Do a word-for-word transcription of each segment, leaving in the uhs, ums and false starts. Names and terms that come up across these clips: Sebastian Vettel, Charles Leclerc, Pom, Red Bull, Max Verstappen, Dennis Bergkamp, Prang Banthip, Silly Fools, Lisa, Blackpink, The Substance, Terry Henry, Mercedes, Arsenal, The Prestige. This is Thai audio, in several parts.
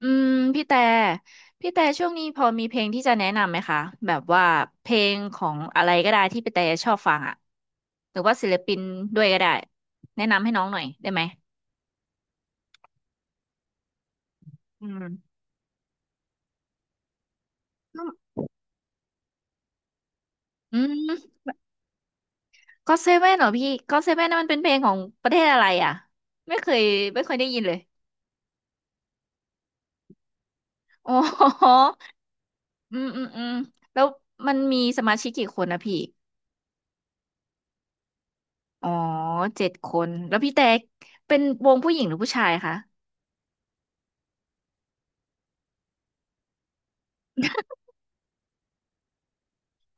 อืมพี่แต่พี่แต่ช่วงนี้พอมีเพลงที่จะแนะนำไหมคะแบบว่าเพลงของอะไรก็ได้ที่พี่แต่ชอบฟังอ่ะหรือว่าศิลปินด้วยก็ได้แนะนำให้น้องหน่อยได้ไหมอืมก็อืมก็เซเว่นเหรอพี่ก็เซเว่นนมันเป็นเพลงของประเทศอะไรอ่ะไม่เคยไม่เคยได้ยินเลยโอ๋ออืมอืมอืมแล้วมันมีสมาชิกกี่คนนะพี่อ๋อเจ็ดคนแล้วพี่แต่เป็นวงผู้หญิงหรือผู้ชายคะ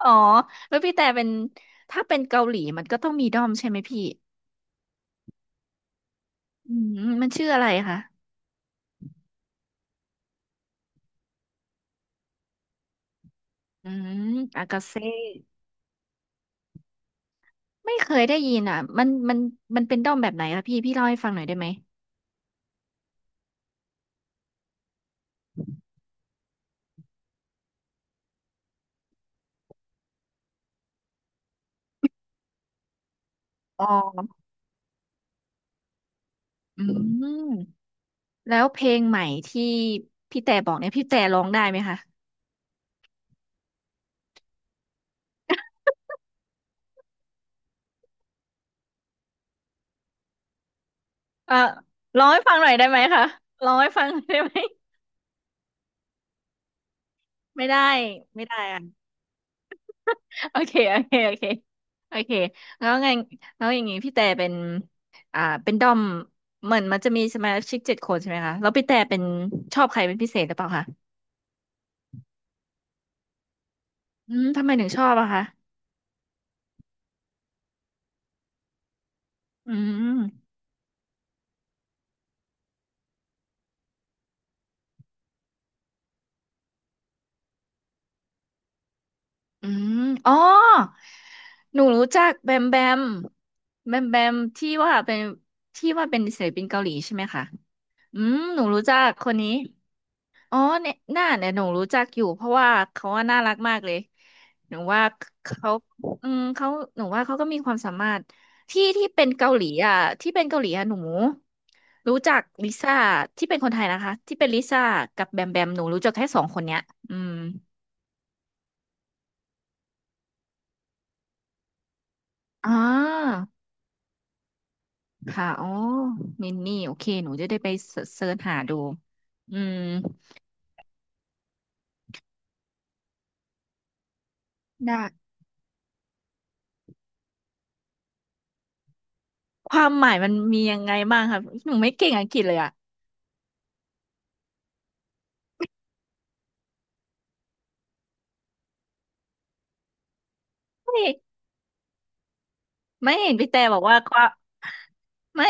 อ๋อแล้วพี่แต่เป็นถ้าเป็นเกาหลีมันก็ต้องมีด้อมใช่ไหมพี่อืมมันชื่ออะไรคะอืมอากาเซ่ไม่เคยได้ยินอ่ะมันมันมันเป็นด้อมแบบไหนล่ะพี่พี่เล่าให้ฟังหน่อยได้ไหมอ๋ออืมแล้วเพลงใหม่ที่พี่แต่บอกเนี่ยพี่แต่ร้องได้ไหมคะเออร้องให้ฟังหน่อยได้ไหมคะร้องให้ฟังหน่อยได้ไหมไม่ได้ไม่ได้อ่ะ โอเคโอเค โอเค โอเค แล้วไงแล้วอย่างงี้พี่แต่เป็น อ่าเป็นดอมเหมือนมันจะมีสมาชิกเจ็ดคนใช่ไหมคะแล้วพี่แต่เป็นชอบใครเป็นพิเศษหรือเปล่าคะอืมทำไมถึงชอบอะคะอืมอืมอ๋อหนูรู้จักแบมแบมแบมแบมที่ว่าเป็นที่ว่าเป็นศิลปินเกาหลีใช่ไหมคะอืมหนูรู้จักคนนี้ อ๋อเนี่ยหน้าเนี่ยหนูรู้จักอยู่เพราะว่าเขาว่าน่ารักมากเลยหนูว่าเขาอืมเขาหนูว่าเขาก็มีความสามารถที่ที่เป็นเกาหลีอ่ะที่เป็นเกาหลีอ่ะหนูรู้จักลิซ่าที่เป็นคนไทยนะคะที่เป็นลิซ่ากับแบมแบมหนูรู้จักแค่สองคนเนี้ยอืมอ่าค่ะอ๋อมินนี่โอเคหนูจะได้ไปเสิร์ชหาดูอืมได้ความหมายมันมียังไงบ้างคะหนูไม่เก่งอังกฤษเลยอ่ะ ไม่เห็นพี่แต่บอกว่าความไม่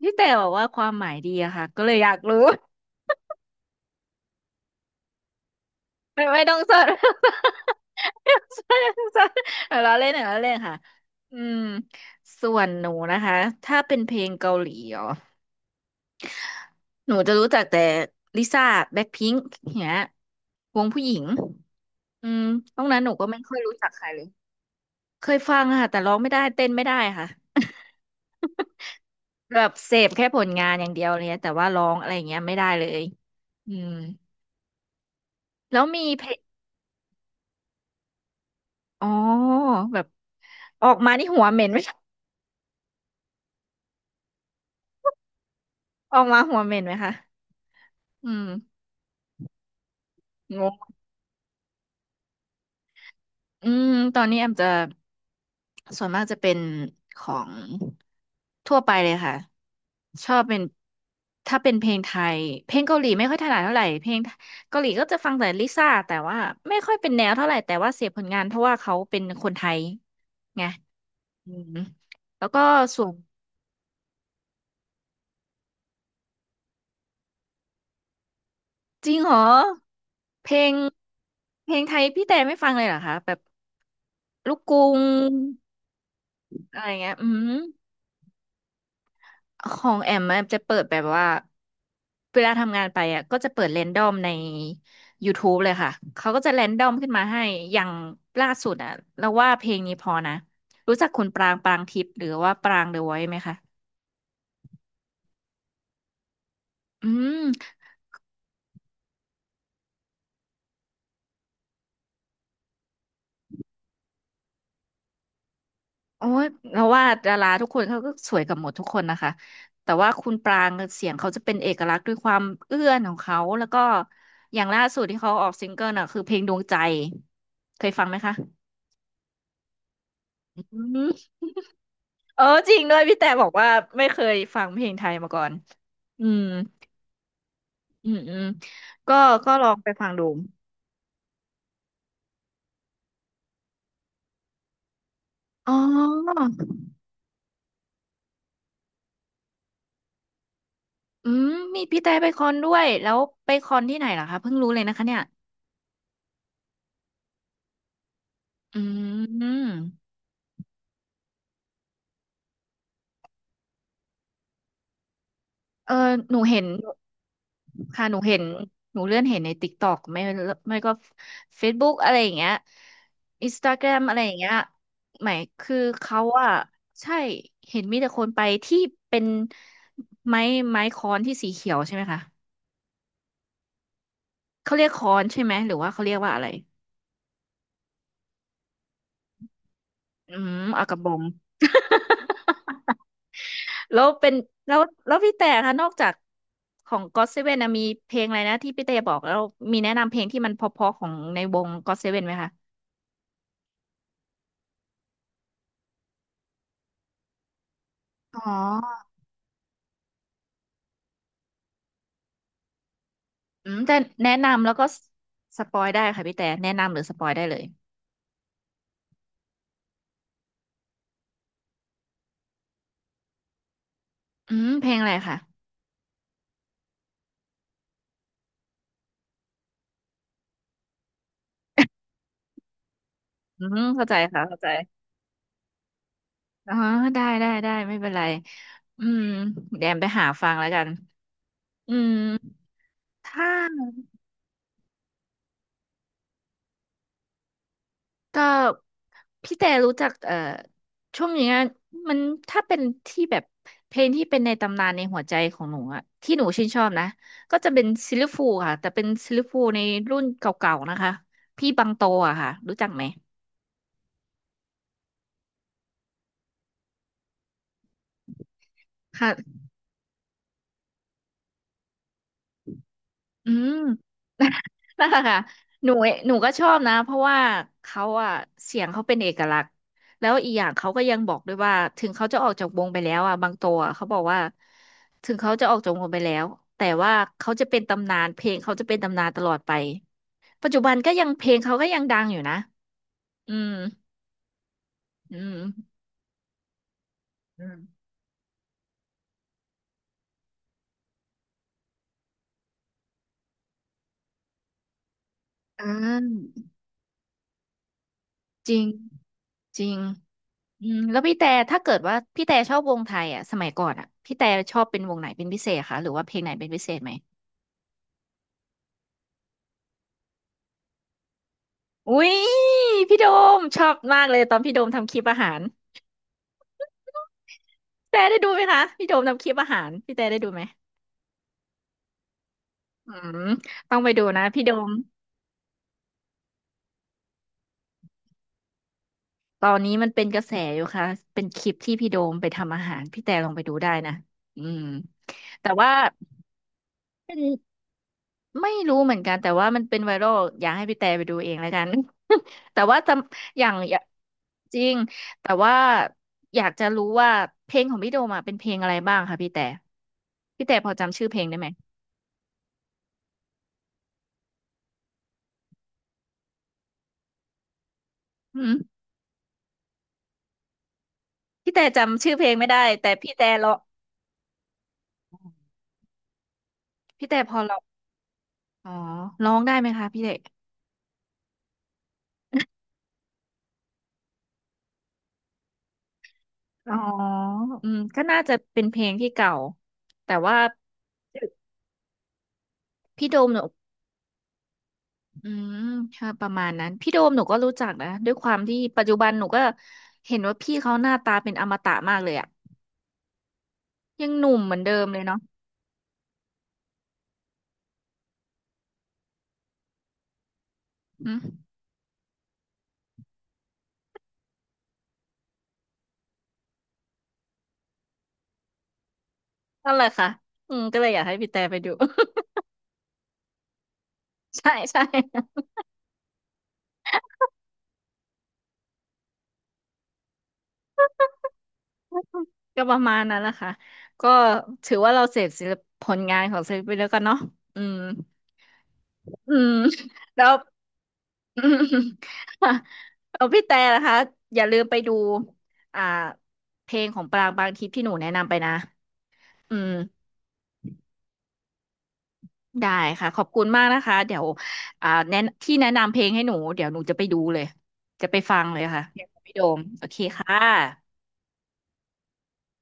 พี่แต่บอกว่าความหมายดีอะค่ะก็เลยอยากรู้ไม่ไม่ต้องสดไม่ต้องเสิ รไม่ต้องเสดเอาล้อเล่นเอาล้อเล่นค่ะอืมส่วนหนูนะคะถ้าเป็นเพลงเกาหลีอ๋อหนูจะรู้จักแต่ลิซ่าแบ็คพิงค์เนี้ยวงผู้หญิงอืมนอกนั้นหนูก็ไม่ค่อยรู้จักใครเลยเคยฟังค่ะแต่ร้องไม่ได้เต้นไม่ได้ค่ะ แบบเสพแค่ผลงานอย่างเดียวเลยนะแต่ว่าร้องอะไรอย่างเงี้ยไม่ได้เลยอืมแล้วมีเพลงอ๋อแบบออกมานี่หัวเหม็นไหม ออกมาหัวเหม็นไหมคะอืมงงอืมตอนนี้แอมจะส่วนมากจะเป็นของทั่วไปเลยค่ะชอบเป็นถ้าเป็นเพลงไทยเพลงเกาหลีไม่ค่อยถนัดเท่าไหร่เพลงเกาหลีก็จะฟังแต่ลิซ่าแต่ว่าไม่ค่อยเป็นแนวเท่าไหร่แต่ว่าเสพผลงานเพราะว่าเขาเป็นคนไทยไง อืมแล้วก็ส่วนจริงเหรอเพลงเพลงไทยพี่แต่ไม่ฟังเลยเหรอคะแบบลูกกรุงอะไรเงี้ยอืมของแอมมันจะเปิดแบบว่าเวลาทำงานไปอ่ะก็จะเปิดแรนดอมใน YouTube เลยค่ะเขาก็จะแรนดอมขึ้นมาให้อย่างล่าสุดอ่ะเราว่าเพลงนี้พอนะรู้จักคุณปรางปรางทิพย์หรือว่าปรางเดอะไว c ์ไหมคะอืม โอ้ยเราว่าดาราทุกคนเขาก็สวยกับหมดทุกคนนะคะแต่ว่าคุณปรางเสียงเขาจะเป็นเอกลักษณ์ด้วยความเอื้อนของเขาแล้วก็อย่างล่าสุดที่เขาออกซิงเกิลน่ะคือเพลงดวงใจเคยฟังไหมคะอืมเออจริงด้วยพี่แต่บอกว่าไม่เคยฟังเพลงไทยมาก่อนอืมอืมอืมก็ก็ลองไปฟังดูอ๋ออืมมีพี่แต่ไปคอนด้วยแล้วไปคอนที่ไหนเหรอคะเพิ่งรู้เลยนะคะเนี่ยอืม เออหนูเห็นค่ะหนูเห็นหนูเลื่อนเห็นในติ๊กต็อกไม่ไม่ก็เฟซบุ๊กอะไรอย่างเงี้ยอินสตาแกรมอะไรอย่างเงี้ยหมายคือเขาอะใช่เห็นมีแต่คนไปที่เป็นไม้ไม้ค้อนที่สีเขียวใช่ไหมคะเขาเรียกค้อนใช่ไหมหรือว่าเขาเรียกว่าอะไรอืมเอากระบอง แล้วเป็นแล้วแล้วพี่แต่คะนอกจากของ g o ว่นนะมีเพลงอะไรนะที่พี่แต่บอกแล้วมีแนะนำเพลงที่มันเพราะๆของในวง g o ่นไหมคะอ๋ออืมแต่แนะนำแล้วก็สปอยได้ค่ะพี่แต่แนะนำหรือสปอยได้เลยอืมเพลงอะไรค่ะอืมเข้าใจค่ะเข้าใจอ๋อได้ได้ได้ไม่เป็นไรอืมแดมไปหาฟังแล้วกันอืมถ้า ก็พี่แต่รู้จักเอ่อช่วงนี้อะมันถ้าเป็นที่แบบเพลงที่เป็นในตำนานในหัวใจของหนูอะที่หนูชื่นชอบนะก็จะเป็นซิลลิฟูลค่ะแต่เป็นซิลลิฟูลในรุ่นเก่าๆนะคะพี่บังโตอะค่ะรู้จักไหม อืม นั่นแหละค่ะหนูหนูก็ชอบนะเพราะว่าเขาอะเสียงเขาเป็นเอกลักษณ์แล้วอีกอย่างเขาก็ยังบอกด้วยว่าถึงเขาจะออกจากวงไปแล้วอะบางตัวอะเขาบอกว่าถึงเขาจะออกจากวงไปแล้วแต่ว่าเขาจะเป็นตำนานเพลงเขาจะเป็นตำนานตลอดไปปัจจุบันก็ยังเพลงเขาก็ยังดังอยู่นะอืมอืมอืมอ่าจริงจริง อืมแล้วพี่แต่ถ้าเกิดว่าพี่แต่ชอบวงไทยอ่ะสมัยก่อนอ่ะพี่แต่ชอบเป็นวงไหนเป็นพิเศษคะหรือว่าเพลงไหนเป็นพิเศษไหมอุ้ยพี่โดมชอบมากเลยตอนพี่โดมทำคลิปอาหารพี่แต่ได้ดูไหมคะพี่โดมทำคลิปอาหารพี่แต่ได้ดูไหมอืมต้องไปดูนะพี่โดมตอนนี้มันเป็นกระแสอยู่ค่ะเป็นคลิปที่พี่โดมไปทำอาหารพี่แต่ลองไปดูได้นะอืมแต่ว่า ไม่รู้เหมือนกันแต่ว่ามันเป็นไวรัลอยากให้พี่แต่ไปดูเองแล้วกัน แต่ว่าจำอย่างอย่าจริงแต่ว่าอยากจะรู้ว่าเพลงของพี่โดมอะเป็นเพลงอะไรบ้างคะพี่แต่พี่แต่พอจำชื่อเพลงได้ไหมอืมพี่แต่จำชื่อเพลงไม่ได้แต่พี่แต่ร้องพี่แต่พอร้องอ๋อร้องได้ไหมคะพี่แต่อ๋ออืมก็น่าจะเป็นเพลงที่เก่าแต่ว่าพี่โดมเนี่ย อืมค่ะประมาณนั้นพี่โดมหนูก็รู้จักนะด้วยความที่ปัจจุบันหนูก็เห็นว่าพี่เขาหน้าตาเป็นอมตะมากเลยอะยังหนุ่มเหมือนเดิมเลยเนาะอืมนั่นแหละค่ะอืมก็เลยอยากให้พี่แต่ไปดู ใช่ใช่ก็ประมาณนั้นแหละค่ะก็ถือว่าเราเสพศิลปผลงานของศิลปินแล้วกันเนาะอืมอืมแล้ว อืมค่ะเอาพี่แต่นะคะอย่าลืมไปดูอ่าเพลงของปรางบางทิพย์ที่หนูแนะนำไปนะอืม ได้ค่ะขอบคุณมากนะคะเดี๋ยวอ่าแนะที่แนะนำเพลงให้หนูเดี๋ยวหนูจะไปดูเลยจะไปฟังเลยค่ะเดี๋ยวไปโดมโอเคค่ะ